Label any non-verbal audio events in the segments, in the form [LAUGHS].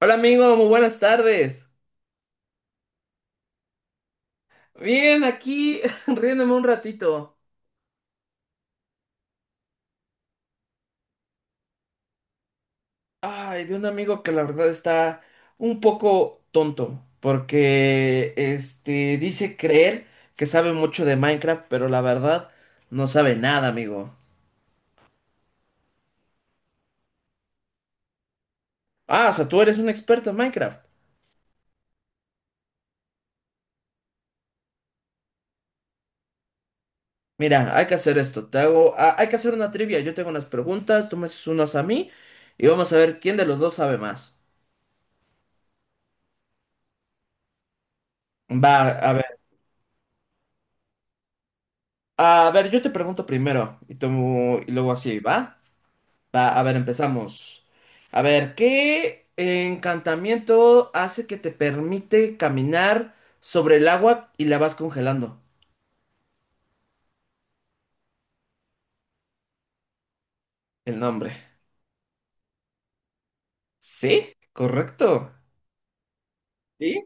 Hola amigo, muy buenas tardes. Bien, aquí [LAUGHS] riéndome un ratito. Ay, de un amigo que la verdad está un poco tonto, porque dice creer que sabe mucho de Minecraft, pero la verdad no sabe nada, amigo. Ah, o sea, tú eres un experto en Minecraft. Mira, hay que hacer esto. Te hago, hay que hacer una trivia. Yo tengo unas preguntas, tú me haces unas a mí y vamos a ver quién de los dos sabe más. Va, a ver. A ver, yo te pregunto primero y, y luego así, ¿va? Va, a ver, empezamos. A ver, ¿qué encantamiento hace que te permite caminar sobre el agua y la vas congelando? El nombre. ¿Sí? Correcto. ¿Sí?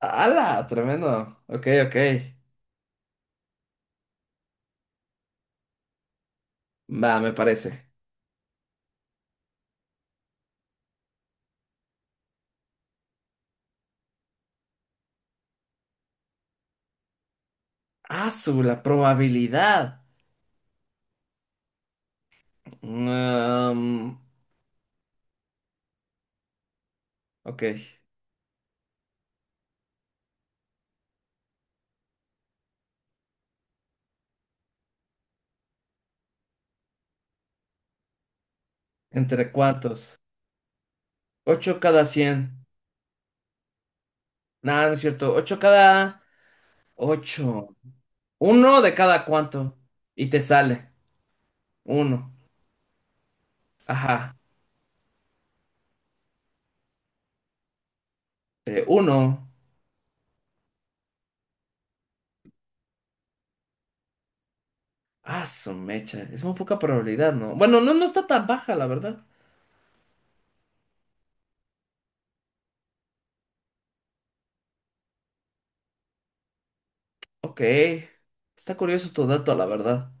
¡Hala! Tremendo. Ok, ok. Va, me parece. Ah, la probabilidad. Mm, ok. ¿Entre cuántos? 8 cada 100. Nada, no es cierto. 8 cada 8. Uno de cada cuánto. Y te sale. Uno. Ajá. Uno. Ah, su mecha. Es muy poca probabilidad, ¿no? Bueno, no, no está tan baja, la verdad. Ok. Está curioso tu dato, la verdad.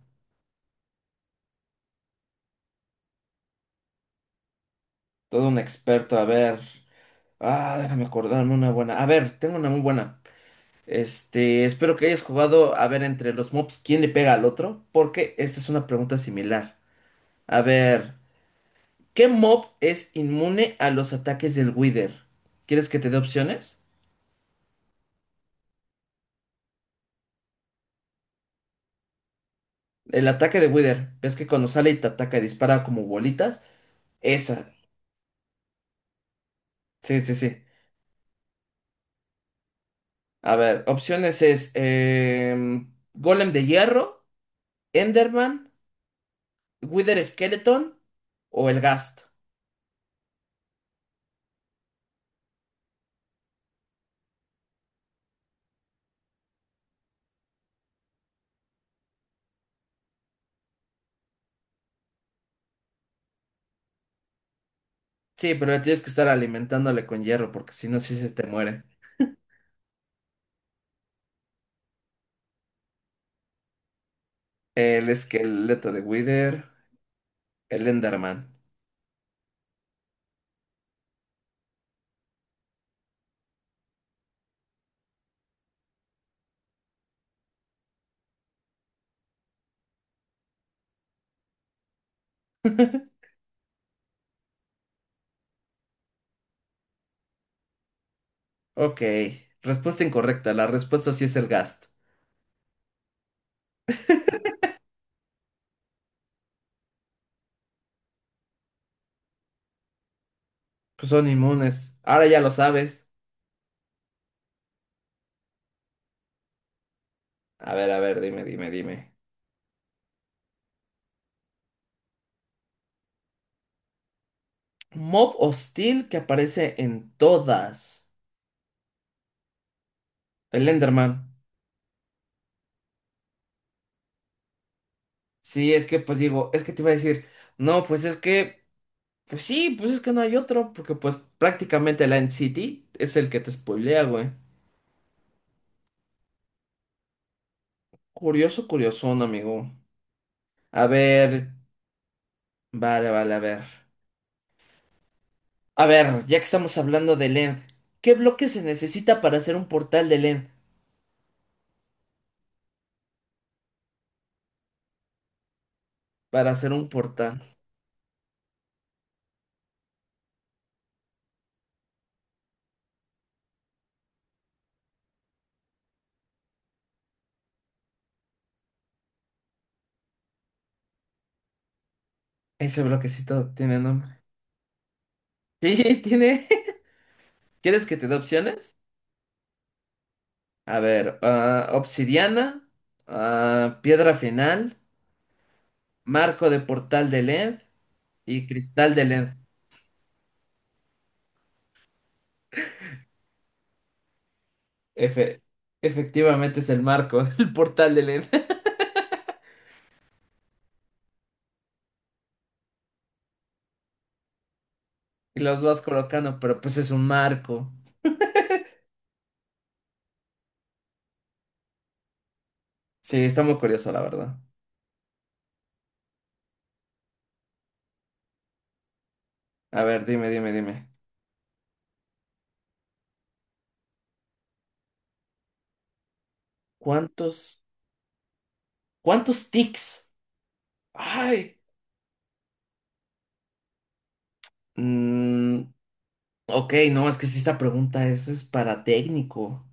Todo un experto, a ver. Ah, déjame acordarme una buena. A ver, tengo una muy buena. Espero que hayas jugado a ver entre los mobs quién le pega al otro, porque esta es una pregunta similar. A ver, ¿qué mob es inmune a los ataques del Wither? ¿Quieres que te dé opciones? El ataque de Wither. ¿Ves que cuando sale y te ataca y dispara como bolitas? Esa. Sí, sí, sí. A ver, opciones es Golem de Hierro, Enderman, Wither Skeleton o el Gast. Sí, pero tienes que estar alimentándole con hierro porque si no, sí se te muere. El esqueleto de Wither, el Enderman. [LAUGHS] Ok, respuesta incorrecta. La respuesta sí es el Gast. Pues son inmunes. Ahora ya lo sabes. A ver, dime, dime, dime. Mob hostil que aparece en todas. El Enderman. Sí, es que pues digo, es que te iba a decir, no, pues es que, pues sí, pues es que no hay otro, porque pues prácticamente la City es el que te spoilea, güey. Curioso, curiosón, amigo. A ver, vale, vale, a ver. A ver, ya que estamos hablando de End, ¿qué bloque se necesita para hacer un portal de End? Para hacer un portal. Ese bloquecito tiene nombre. [LAUGHS] Sí, tiene. [LAUGHS] ¿Quieres que te dé opciones? A ver, ah, obsidiana, ah, piedra final, marco de portal de LED y cristal de LED. Efe- efectivamente es el marco [LAUGHS] del portal de LED. Y los vas colocando, pero pues es un marco. Sí, está muy curioso, la verdad. A ver, dime, dime, dime. ¿Cuántos, cuántos tics? Ay. mm, ok, no, es que si esta pregunta es para técnico.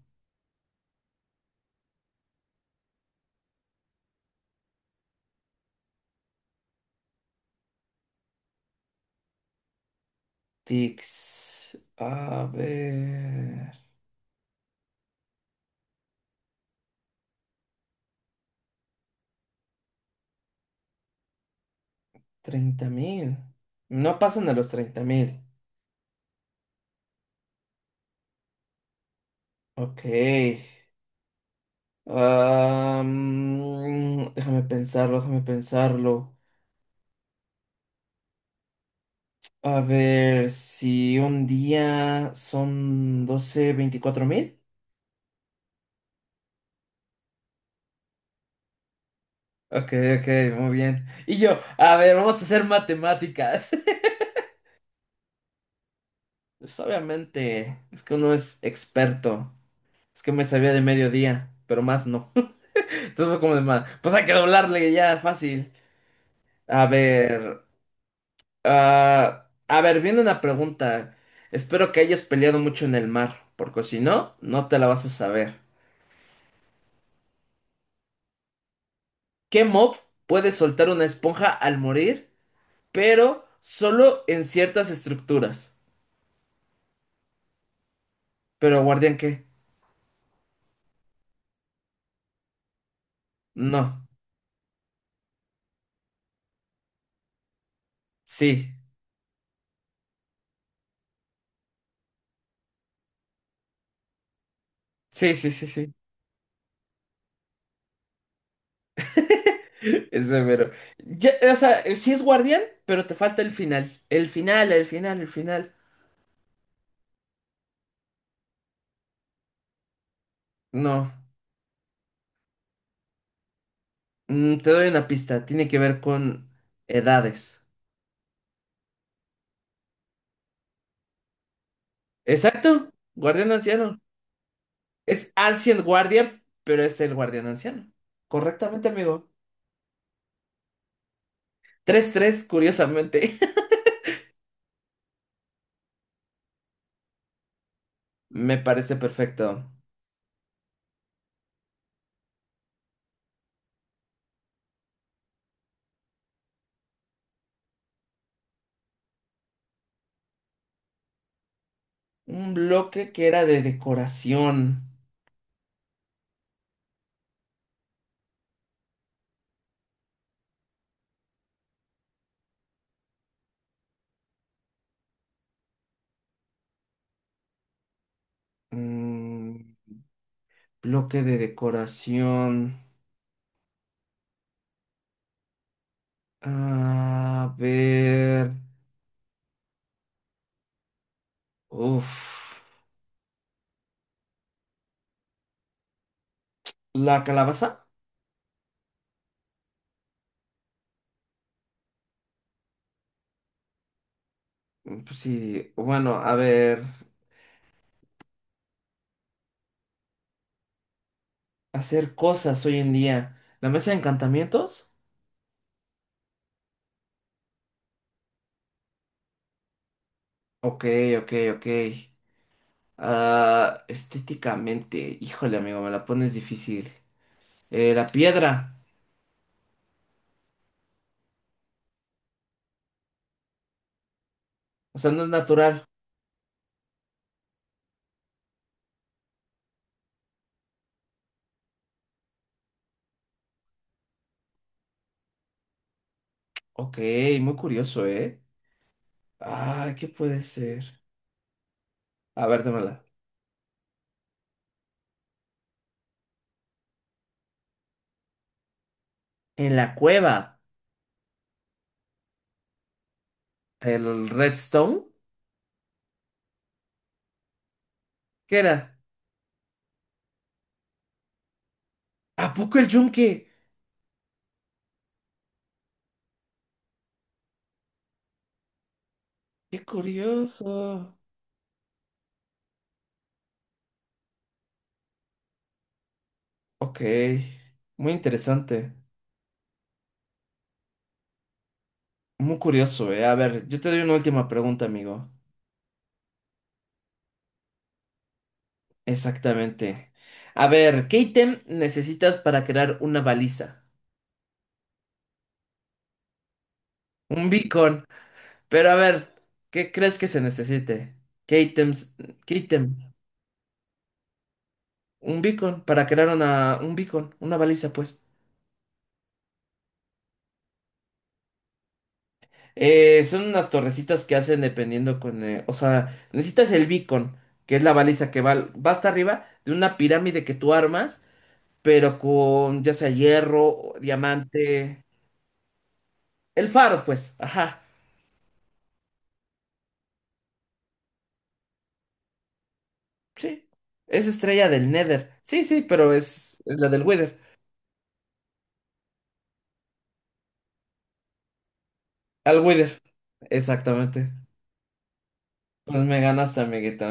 Tics. A ver. 30.000. No pasan a los 30.000. Ok. Am, déjame pensarlo, déjame pensarlo. A ver, si un día son 12 24.000. Ok, ok, muy bien. Y yo, a ver, vamos a hacer matemáticas. [LAUGHS] Pues obviamente, es que uno es experto. Es que me sabía de mediodía, pero más no. [LAUGHS] Entonces fue como de más. Pues hay que doblarle ya, fácil. A ver. Ah, a ver, viene una pregunta. Espero que hayas peleado mucho en el mar, porque si no, no te la vas a saber. ¿Qué mob puede soltar una esponja al morir, pero solo en ciertas estructuras? ¿Pero guardián qué? No. Sí. Sí, sí, sí, sí. [LAUGHS] Es severo. Ya, o sea, sí es guardián, pero te falta el final. El final, el final, el final. No. Mm, te doy una pista. Tiene que ver con edades. Exacto. Guardián anciano. Es Ancient Guardian, pero es el guardián anciano. Correctamente, amigo. Tres tres, curiosamente. [LAUGHS] Me parece perfecto. Un bloque que era de decoración. Mm, bloque de decoración. A ver. Uf. ¿La calabaza? Mm, pues sí. Bueno, a ver. Hacer cosas hoy en día. ¿La mesa de encantamientos? Ok, ok, ok. Ah, estéticamente, híjole, amigo, me la pones difícil. La piedra, o sea, no es natural. Ok, muy curioso, ¿eh? Ah, ¿qué puede ser? A ver, dámela. En la cueva, el redstone, ¿qué era? ¿A poco el yunque? Qué curioso. Ok, muy interesante. Muy curioso, ¿eh? A ver, yo te doy una última pregunta, amigo. Exactamente. A ver, ¿qué ítem necesitas para crear una baliza? Un beacon. Pero a ver, ¿qué crees que se necesite? ¿Qué ítems? ¿Qué ítem? Un beacon para crear una, un beacon, una baliza, pues. Son unas torrecitas que hacen dependiendo con. O sea, necesitas el beacon, que es la baliza que va, va hasta arriba de una pirámide que tú armas, pero con ya sea hierro, o diamante. El faro, pues. Ajá. Sí. Es estrella del Nether. Sí, sí, pero es la del Wither. Al Wither. Exactamente. Pues me ganaste, amiguito.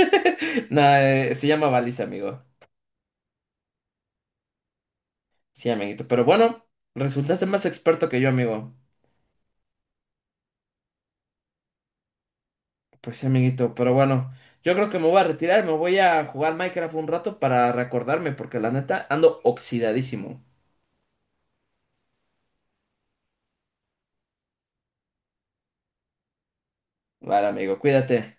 [LAUGHS] Nah, se llama baliza, amigo. Sí, amiguito. Pero bueno, resultaste más experto que yo, amigo. Pues sí, amiguito. Pero bueno, yo creo que me voy a retirar. Me voy a jugar Minecraft un rato para recordarme, porque la neta ando oxidadísimo. Vale, amigo, cuídate.